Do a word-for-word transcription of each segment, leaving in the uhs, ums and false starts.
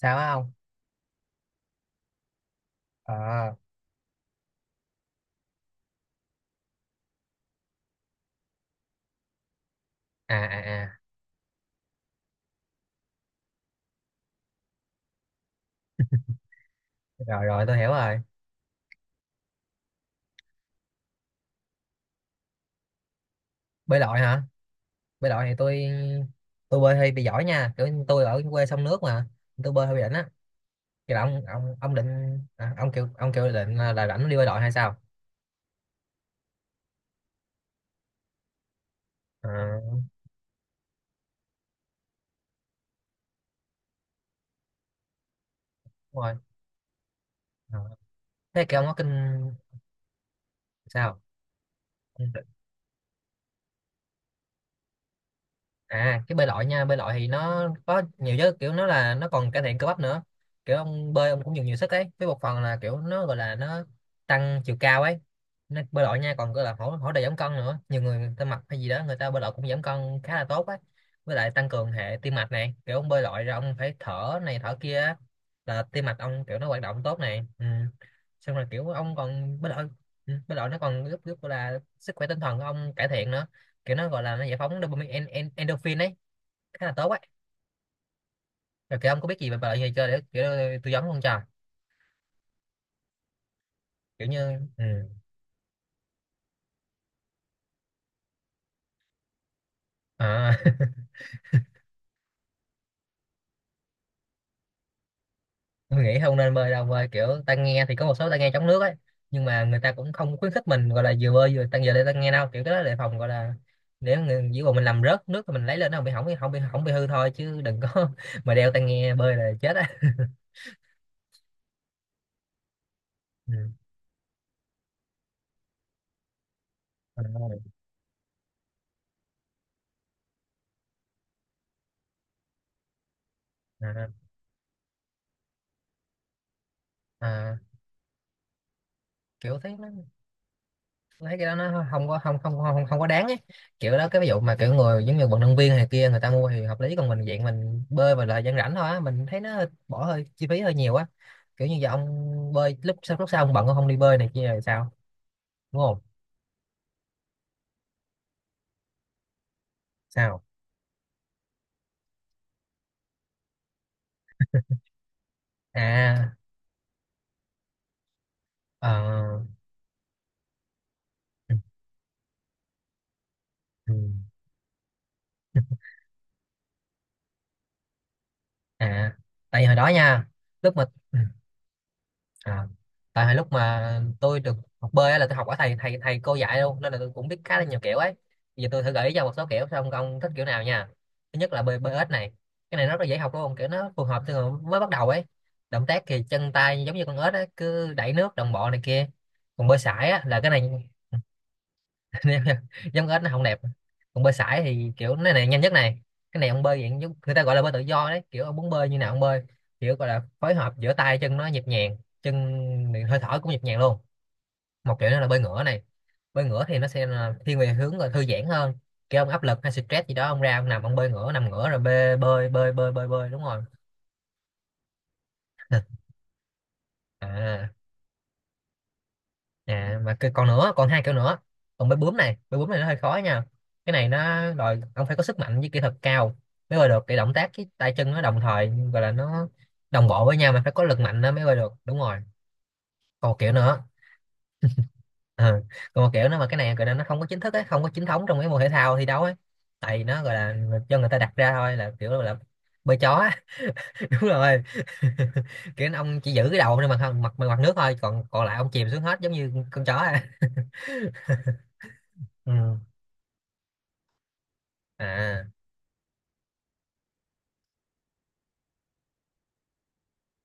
Sao á không? Ờ. À, à, à. Rồi, rồi, tôi hiểu rồi. Bơi lội hả? Bơi lội thì tôi tôi bơi hơi bị giỏi nha, kiểu như tôi ở quê sông nước mà. Tôi bơi hơi bị đỉnh á. Kiểu là ông ông ông định à, ông kêu ông kêu định là rảnh đi bơi lội hay sao? Ờ, đúng rồi. Ờ. Thế kêu ông có kinh, sao? Ừ. À, cái bơi lội nha, bơi lội thì nó có nhiều chứ, kiểu nó là nó còn cải thiện cơ bắp nữa. Kiểu ông bơi ông cũng dùng nhiều sức ấy, với một phần là kiểu nó gọi là nó tăng chiều cao ấy. Nó bơi lội nha còn gọi là hỗ hỗ trợ giảm cân nữa, nhiều người người ta mập hay gì đó người ta bơi lội cũng giảm cân khá là tốt ấy. Với lại tăng cường hệ tim mạch này, kiểu ông bơi lội ra ông phải thở này thở kia á, là tim mạch ông kiểu nó hoạt động tốt này, ừ. Xong rồi kiểu ông còn bơi lội. Ừ, bơi lội nó còn giúp giúp là sức khỏe tinh thần của ông cải thiện nữa. Kiểu nó gọi là nó giải phóng dopamine, en, en, endorphin ấy. Khá là tốt ấy. Rồi kiểu ông có biết gì về loại gì chơi để kiểu tư vấn không cho kiểu như, ừ. À, tôi nghĩ không nên bơi đâu, bơi kiểu ta nghe thì có một số ta nghe chống nước ấy. Nhưng mà người ta cũng không khuyến khích mình gọi là vừa bơi vừa tăng giờ để ta nghe đâu, kiểu cái đó để phòng gọi là để người chỉ còn mình làm rớt nước thì mình lấy lên nó không bị hỏng, không bị không bị hư thôi chứ đừng có mà đeo tai nghe bơi là chết á. Ừ. À, à, à, kiểu thấy nó, tôi thấy cái đó nó không có không không không không có đáng ấy. Kiểu đó cái ví dụ mà kiểu người giống như vận động viên này kia người ta mua thì hợp lý, còn mình dạng mình bơi và là dân rảnh thôi á, mình thấy nó hơi- bỏ hơi chi phí hơi nhiều á. Kiểu như giờ ông bơi lúc sau lúc sau ông bận ông không đi bơi này kia rồi sao? Đúng không? Sao? À, ờ, ừ, ừ, ừ, à, tại vì hồi đó nha, lúc mà, ừ, à, tại hồi lúc mà tôi được học bơi á là tôi học ở thầy thầy thầy cô dạy luôn nên là tôi cũng biết khá là nhiều kiểu ấy. Giờ tôi thử gợi ý cho một số kiểu xong ông thích kiểu nào nha. Thứ nhất là bơi bơi ếch này, cái này rất là dễ học luôn, kiểu nó phù hợp cho người mới bắt đầu ấy. Động tác thì chân tay giống như con ếch ấy, cứ đẩy nước đồng bộ này kia. Còn bơi sải á là cái này, nên giống ếch nó không đẹp. Còn bơi sải thì kiểu nó này nhanh nhất này, cái này ông bơi dạng giống người ta gọi là bơi tự do đấy, kiểu ông muốn bơi như nào ông bơi. Kiểu gọi là phối hợp giữa tay chân nó nhịp nhàng, chân hơi thở cũng nhịp nhàng luôn. Một kiểu nữa là bơi ngửa này. Bơi ngửa thì nó sẽ là thiên về hướng là thư giãn hơn. Kiểu ông áp lực hay stress gì đó ông ra ông nằm ông bơi ngửa, nằm ngửa rồi bơi bơi bơi bơi bơi bơi, đúng rồi. À, à mà cái còn nữa, còn hai kiểu nữa. Còn bơi bướm này, bơi bướm này nó hơi khó nha. Cái này nó đòi ông phải có sức mạnh với kỹ thuật cao mới bơi được, cái động tác cái tay chân nó đồng thời, gọi là nó đồng bộ với nhau mà phải có lực mạnh nó mới bơi được, đúng rồi. Còn một kiểu nữa. Ờ, còn một kiểu nữa mà cái này gọi là nó không có chính thức ấy, không có chính thống trong cái môn thể thao thi đấu ấy. Tại vì nó gọi là cho người ta đặt ra thôi, là kiểu là bơi chó á. Đúng rồi. Kiểu ông chỉ giữ cái đầu trên mặt mặt mặt nước thôi, còn còn lại ông chìm xuống hết giống như con chó. À, ừ. À,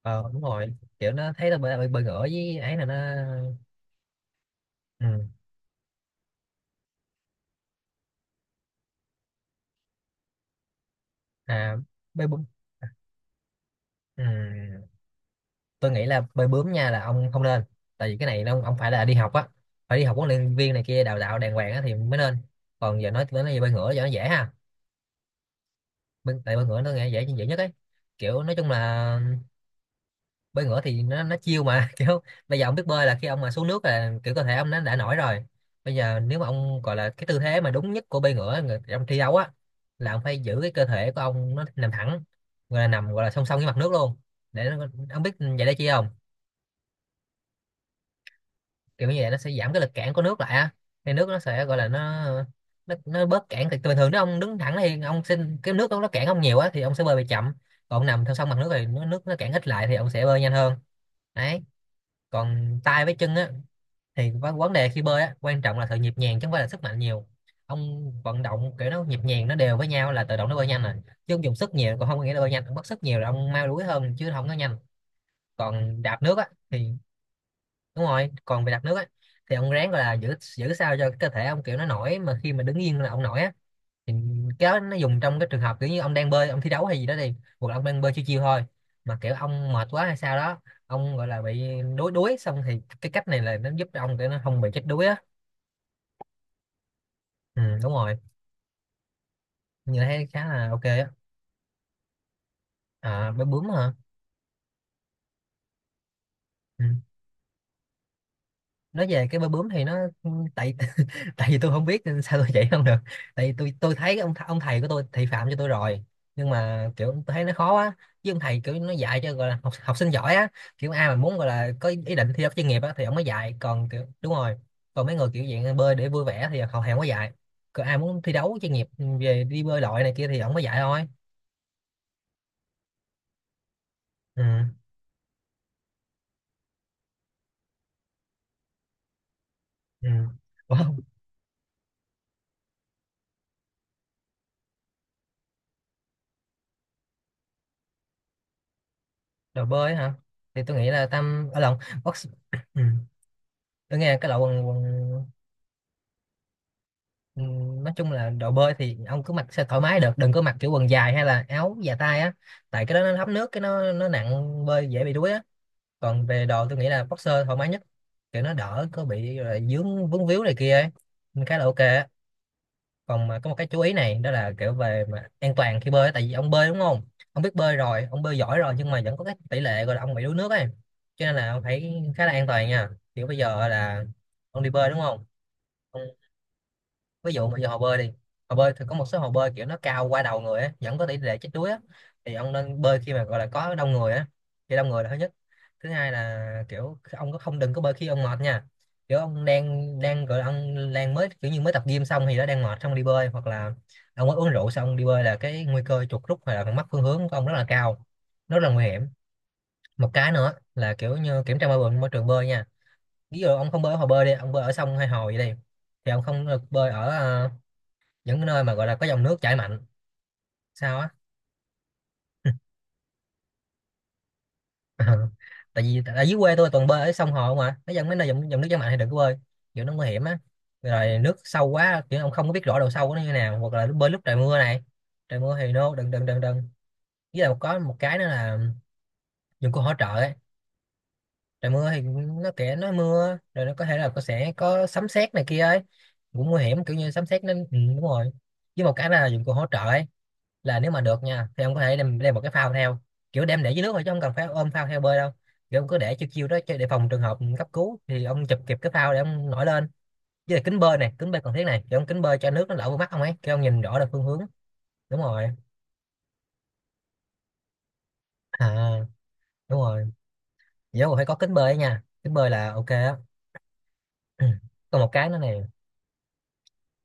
ờ, đúng rồi, kiểu nó thấy tao bơi bơi, bơi ngửa với ấy là nó, ừ. À, bơi bướm, ừ. Tôi nghĩ là bơi bướm nha, là ông không nên, tại vì cái này nó ông phải là đi học á, phải đi học huấn luyện viên này kia đào tạo đàng hoàng á thì mới nên. Còn giờ nói nói về bơi ngửa cho nó dễ ha. Bơi, tại bơi ngửa tôi nghĩ dễ dễ nhất ấy. Kiểu nói chung là bơi ngửa thì nó nó chiêu mà, kiểu bây giờ ông biết bơi là khi ông mà xuống nước là kiểu cơ thể ông nó đã nổi rồi. Bây giờ nếu mà ông gọi là cái tư thế mà đúng nhất của bơi ngửa người- trong thi đấu á là ông phải giữ cái cơ thể của ông nó nằm thẳng, gọi là nằm gọi là song song với mặt nước luôn. Để nó, ông biết vậy để chi không? Kiểu như vậy nó sẽ giảm cái lực cản của nước lại á, thì nước nó sẽ gọi là nó, nó, nó bớt cản. Thì bình thường nếu ông đứng thẳng thì ông xin cái nước nó nó cản ông nhiều á thì ông sẽ bơi bị chậm. Còn ông nằm theo song mặt nước thì nó nước nó cản ít lại thì ông sẽ bơi nhanh hơn, đấy. Còn tay với chân á, thì vấn vấn đề khi bơi á quan trọng là sự nhịp nhàng chứ không phải là sức mạnh nhiều. Ông vận động kiểu nó nhịp nhàng nó đều với nhau là tự động nó bơi nhanh rồi. Chứ ông dùng sức nhiều còn không có nghĩa là bơi nhanh, ông mất sức nhiều là ông mau đuối hơn chứ không có nhanh. Còn đạp nước á thì đúng rồi, còn về đạp nước á thì ông ráng gọi là giữ giữ sao cho cơ thể ông kiểu nó nổi, mà khi mà đứng yên là ông nổi á. Thì cái đó nó dùng trong cái trường hợp kiểu như ông đang bơi ông thi đấu hay gì đó đi, hoặc là ông đang bơi chiêu chiêu thôi mà kiểu ông mệt quá hay sao đó, ông gọi là bị đuối đuối xong, thì cái cách này là nó giúp cho ông để nó không bị chết đuối á. Ừ, đúng rồi. Như thấy khá là ok á. À, bơi bướm hả, ừ. Nói về cái bơi bướm thì nó, ừ, tại tại vì tôi không biết nên sao tôi chỉ không được. Tại vì tôi tôi thấy ông th ông thầy của tôi thị phạm cho tôi rồi, nhưng mà kiểu tôi thấy nó khó quá. Chứ ông thầy kiểu nó dạy cho gọi là học, học sinh giỏi á, kiểu ai mà muốn gọi là có ý định thi đấu chuyên nghiệp á thì ông mới dạy, còn kiểu đúng rồi. Còn mấy người kiểu dạng bơi để vui vẻ thì họ hàng mới dạy. Còn ai muốn thi đấu chuyên nghiệp về đi bơi lội này kia thì ông mới dạy thôi. Ừ. Ừ. Ủa, đồ bơi hả? Thì tôi nghĩ là Tâm ở lộn, box ừ. Tôi nghe cái loại quần quần, ừ, nói chung là đồ bơi thì ông cứ mặc sẽ thoải mái được, đừng có mặc kiểu quần dài hay là áo dài tay á, tại cái đó nó thấm nước cái nó nó nặng, bơi dễ bị đuối á. Còn về đồ tôi nghĩ là boxer thoải mái nhất, kiểu nó đỡ có bị là dướng vướng víu này kia ấy, nên khá là ok á. Còn mà có một cái chú ý này, đó là kiểu về mà an toàn khi bơi á. Tại vì ông bơi đúng không? Ông biết bơi rồi, ông bơi giỏi rồi, nhưng mà vẫn có cái tỷ lệ gọi là ông bị đuối nước ấy, cho nên là ông phải khá là an toàn nha. Kiểu bây giờ là ông đi bơi đúng không? Ông ví dụ mà giờ hồ bơi đi, hồ bơi thì có một số hồ bơi kiểu nó cao qua đầu người á, vẫn có tỷ lệ chết đuối á. Thì ông nên bơi khi mà gọi là có đông người á, khi đông người là thứ nhất. Thứ hai là kiểu ông có không, đừng có bơi khi ông mệt nha. Kiểu ông đang đang gọi là ông đang mới, kiểu như mới tập gym xong thì nó đang mệt xong đi bơi, hoặc là ông mới uống rượu xong đi bơi là cái nguy cơ chuột rút hoặc là mất phương hướng của ông rất là cao, rất là nguy hiểm. Một cái nữa là kiểu như kiểm tra môi trường, môi trường bơi nha. Ví dụ ông không bơi ở hồ bơi đi, ông bơi ở sông hay hồ vậy đi, thì ông không được bơi ở ờ, những cái nơi mà gọi là có dòng nước chảy mạnh. Sao á? Tại vì ở dưới quê tôi toàn bơi ở sông hồ mà, cái dân mấy nơi dòng, dòng nước chảy mạnh thì đừng có bơi, kiểu nó nguy hiểm á. Rồi nước sâu quá, kiểu ông không có biết rõ độ sâu của nó như nào, hoặc là bơi lúc trời mưa này. Trời mưa thì no, đừng đừng đừng đừng. Với lại có một cái nữa là dụng cụ hỗ trợ ấy. Trời mưa thì nó kệ nó mưa, rồi nó có thể là có, sẽ có sấm sét này kia ấy, cũng nguy hiểm kiểu như sấm sét nên ừ, đúng rồi. Với một cái là dụng cụ hỗ trợ ấy, là nếu mà được nha thì ông có thể đem, đem một cái phao theo, kiểu đem để dưới nước thôi chứ không cần phải ôm phao theo bơi đâu. Kiểu ông cứ để chiêu chiêu đó cho- để phòng trường hợp cấp cứu thì ông chụp kịp cái phao để ông nổi lên. Với lại kính bơi này, kính bơi cần thiết này, kiểu ông kính bơi cho nước nó đỡ vào mắt ông ấy, kiểu ông nhìn rõ được phương hướng. Đúng rồi. À đúng rồi, nhớ còn phải có kính bơi ấy nha, kính bơi là ok á. Còn một cái nữa này,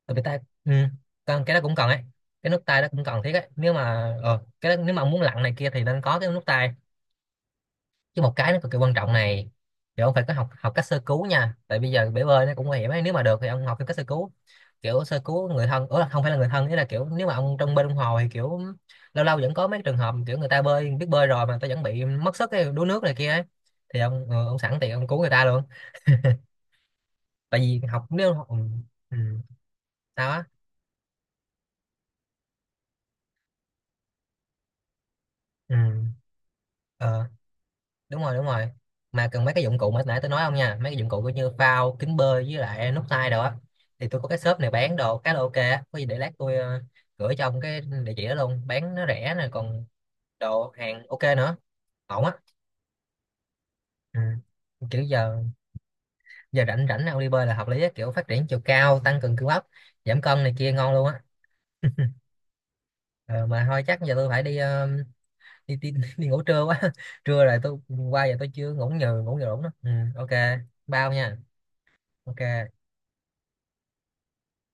tại vì ta ừ. Còn cái đó cũng cần ấy, cái nước tay đó cũng cần thiết ấy, nếu mà ờ cái đó, nếu mà ông muốn lặn này kia thì nên có cái nước tay. Chứ một cái nó cực kỳ quan trọng này, thì ông phải có học học cách sơ cứu nha. Tại bây giờ bể bơi nó cũng nguy hiểm ấy, nếu mà được thì ông học cái cách sơ cứu, kiểu sơ cứu người thân, ủa không phải là người thân, ý là kiểu nếu mà ông trong bên ông hồ thì kiểu lâu lâu vẫn có mấy trường hợp kiểu người ta bơi, biết bơi rồi mà người ta vẫn bị mất sức cái đuối nước này kia ấy, thì ông ờ, ông sẵn tiện ông cứu người ta luôn. Tại vì học, nếu học ừ, ừ. Sao á? Ừ, ờ, đúng rồi đúng rồi. Mà cần mấy cái dụng cụ mà nãy tôi nói không nha, mấy cái dụng cụ coi như phao, kính bơi, với lại nút tay đồ á, thì tôi có cái shop này bán đồ khá là ok á, có gì để lát tôi ờ, gửi cho ông cái địa chỉ đó luôn, bán nó rẻ nè, còn đồ hàng ok nữa, ổn á. Ừ. Kiểu giờ giờ rảnh rảnh ông đi bơi là hợp lý á, kiểu phát triển chiều cao, tăng cường cơ bắp, giảm cân này kia ngon luôn á. Ờ, mà thôi chắc giờ tôi phải đi ờ, đi, đi, đi ngủ trưa quá. Trưa rồi, tôi qua giờ tôi chưa ngủ nhờ ngủ nhờ đủ nữa, ừ, ok, bao nha. Ok.